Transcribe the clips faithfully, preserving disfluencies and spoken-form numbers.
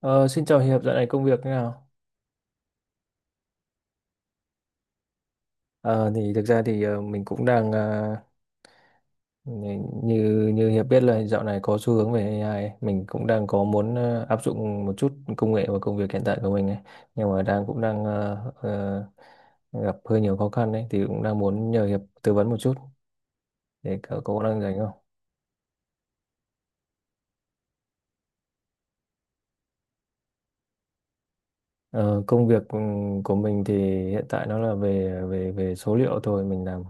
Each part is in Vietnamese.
Ờ, Xin chào Hiệp, dạo này công việc thế nào? Ờ, thì thực ra thì ờ, mình cũng đang ờ, như như Hiệp biết là dạo này có xu hướng về a i, ấy. Mình cũng đang có muốn ờ, áp dụng một chút công nghệ vào công việc hiện tại của mình ấy, nhưng mà đang cũng đang ờ, ờ, gặp hơi nhiều khó khăn đấy, thì cũng đang muốn nhờ Hiệp tư vấn một chút để cậu có đang rảnh không? Ờ, công việc của của mình thì hiện tại nó là về về về số liệu thôi, mình làm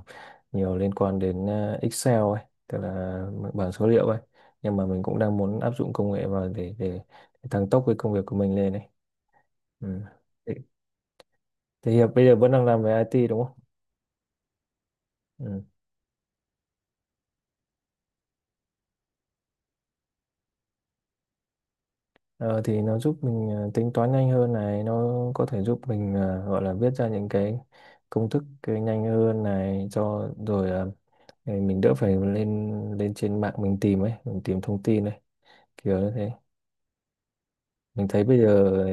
nhiều liên quan đến ờ, Excel ấy, tức là bảng số liệu ấy, nhưng mà mình cũng đang muốn áp dụng công nghệ vào để để, để tăng tốc cái công việc của mình lên ấy, ừ. Thế thế Hiệp bây giờ vẫn đang làm về i tê đúng không? Ừ. Ờ, thì nó giúp mình ờ, tính toán nhanh hơn này, nó có thể giúp mình ờ, gọi là viết ra những cái công thức cái nhanh hơn này cho rồi ờ, thì mình đỡ phải lên lên trên mạng mình tìm ấy, mình tìm thông tin ấy, kiểu như thế mình thấy bây giờ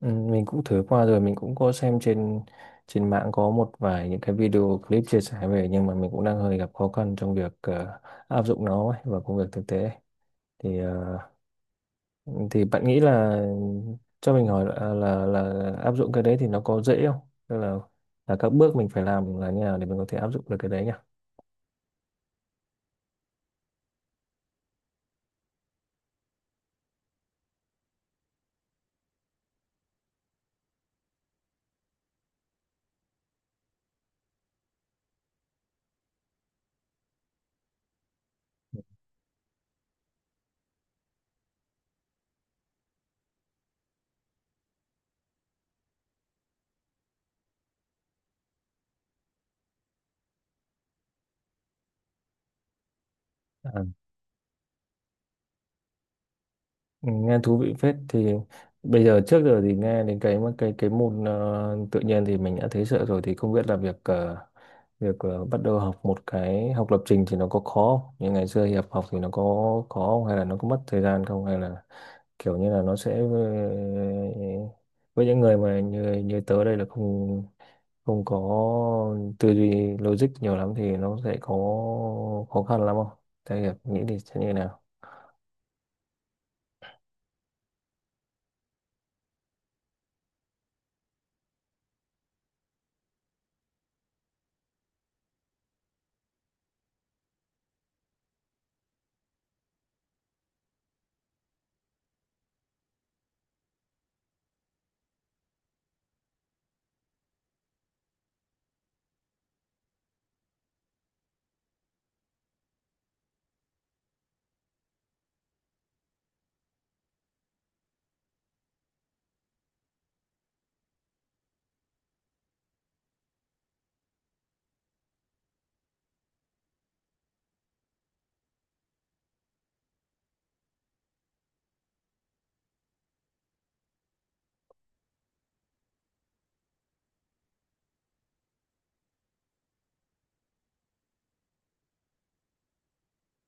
ừ, mình cũng thử qua rồi, mình cũng có xem trên trên mạng có một vài những cái video clip chia sẻ về, nhưng mà mình cũng đang hơi gặp khó khăn trong việc ờ, áp dụng nó ấy, vào công việc thực tế ấy. thì ờ, thì bạn nghĩ là cho mình hỏi là, là là áp dụng cái đấy thì nó có dễ không, tức là là các bước mình phải làm là như nào để mình có thể áp dụng được cái đấy nhỉ? À. Ừ, nghe thú vị phết. Thì bây giờ trước giờ thì nghe đến cái cái cái môn ờ, tự nhiên thì mình đã thấy sợ rồi, thì không biết là việc ờ, việc ờ, bắt đầu học một cái học lập trình thì nó có khó không? Như ngày xưa Hiệp học thì nó có khó không? Hay là nó có mất thời gian không, hay là kiểu như là nó sẽ ờ, với những người mà như như tớ đây là không không có tư duy logic nhiều lắm thì nó sẽ có khó khăn lắm không? Theo Hiệp nghĩ thì sẽ như nào?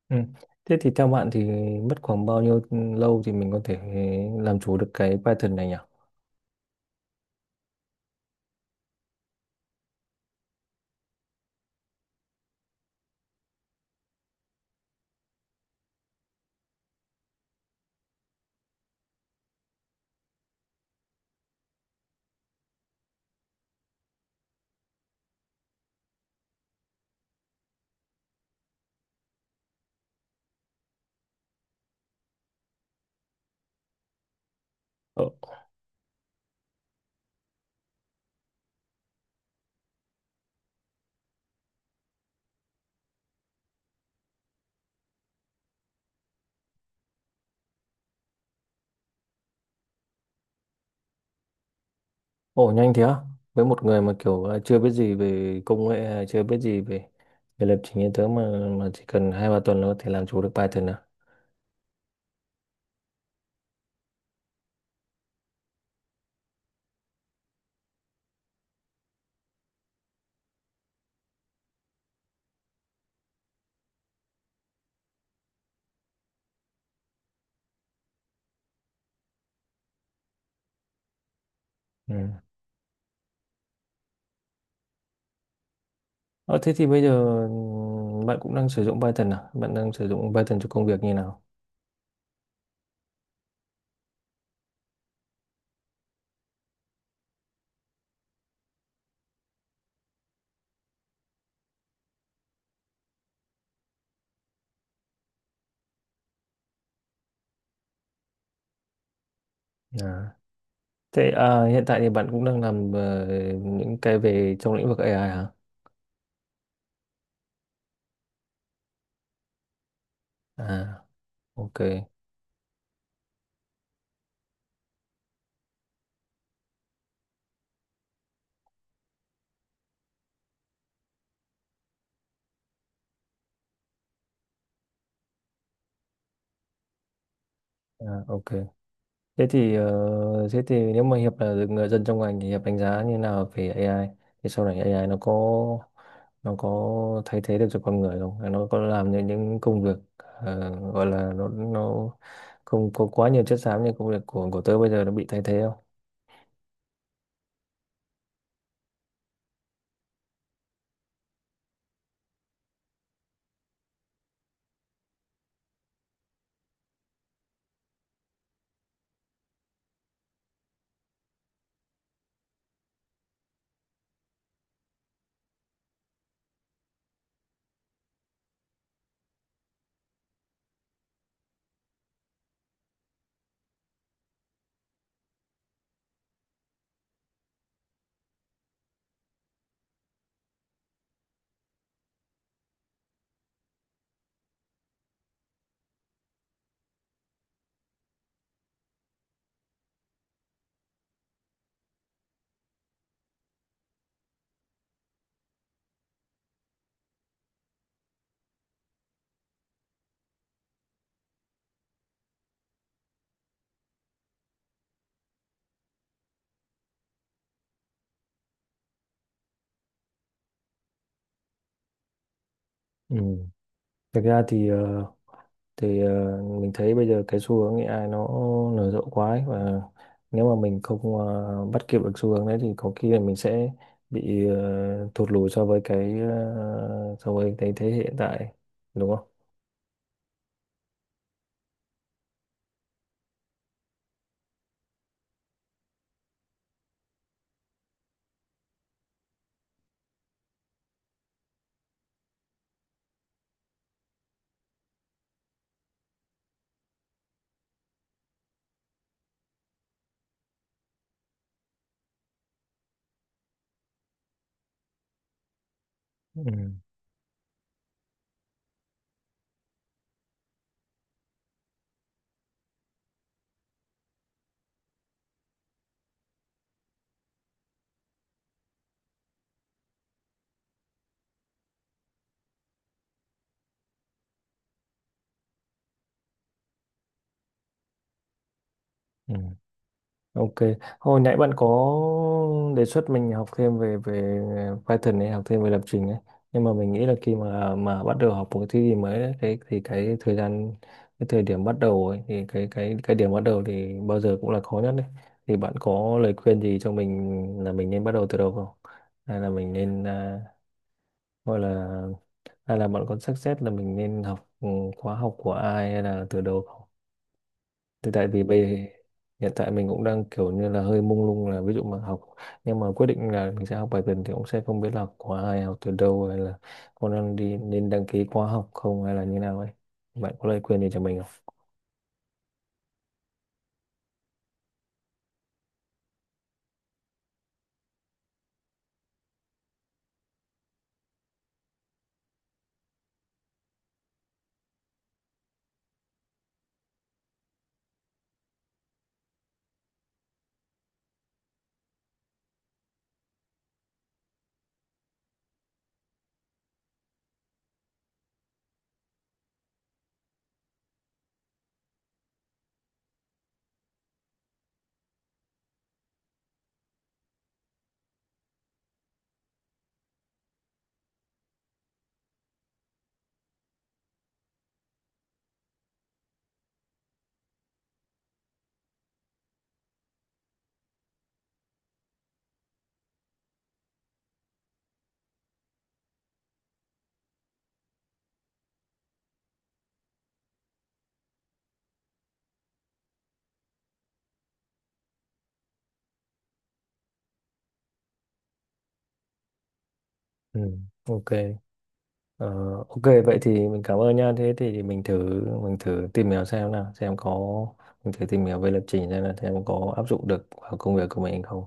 Ừ. Thế thì theo bạn thì mất khoảng bao nhiêu lâu thì mình có thể làm chủ được cái Python này nhỉ? Ồ, Ồ nhanh thế á? Với một người mà kiểu là chưa biết gì về công nghệ, hay chưa biết gì về về lập trình như thế, mà mà chỉ cần hai ba tuần là có thể làm chủ được Python à? Ừ. Ờ, thế thì bây giờ ừ, bạn cũng đang sử dụng Python à? Bạn đang sử dụng Python cho công việc như nào? À. Thế à, hiện tại thì bạn cũng đang làm ờ, những cái về trong lĩnh vực a i hả? À, ok. À, ok. Thế thì ờ, thế thì nếu mà Hiệp là người dân trong ngành thì Hiệp đánh giá như nào về a i? Thì sau này a i nó có nó có thay thế được cho con người không? Hay nó có làm những những công việc ờ, gọi là nó nó không có quá nhiều chất xám như công việc của của tớ bây giờ nó bị thay thế không? Ừ. Thực ra thì thì ờ, mình thấy bây giờ cái xu hướng a i nó nở rộ quá ấy, và nếu mà mình không ờ, bắt kịp được xu hướng đấy thì có khi là mình sẽ bị ờ, thụt lùi so với cái ờ, so với cái thế hệ hiện tại đúng không? Ừ. Ừ. Ok, hồi nãy bạn có đề xuất mình học thêm về về Python ấy, học thêm về lập trình ấy. Nhưng mà mình nghĩ là khi mà mà bắt đầu học một cái thứ gì mới ấy, cái thì cái thời gian cái thời điểm bắt đầu ấy thì cái cái cái điểm bắt đầu thì bao giờ cũng là khó nhất đấy. Thì bạn có lời khuyên gì cho mình là mình nên bắt đầu từ đầu không? Hay là mình nên à, gọi là hay là bạn có suggest là mình nên học ừ, khóa học của ai hay là từ đầu, thì tại vì bây hiện tại mình cũng đang kiểu như là hơi mông lung, là ví dụ mà học nhưng mà quyết định là mình sẽ học bài tuần thì cũng sẽ không biết là học khóa ai, học từ đâu, hay là con đang đi nên đăng ký khóa học không, hay là như nào ấy, bạn có lời khuyên gì cho mình không? Ừ, ok. Ờ, ok vậy thì mình cảm ơn nha, thế thì mình thử mình thử tìm hiểu xem nào xem có mình thử tìm hiểu về lập trình xem là xem có áp dụng được vào công việc của mình không.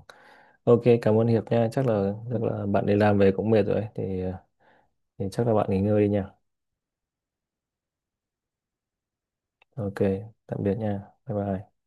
Ok cảm ơn Hiệp nha, chắc là chắc là bạn đi làm về cũng mệt rồi ấy. thì thì chắc là bạn nghỉ ngơi đi nha. Ok, tạm biệt nha. Bye bye.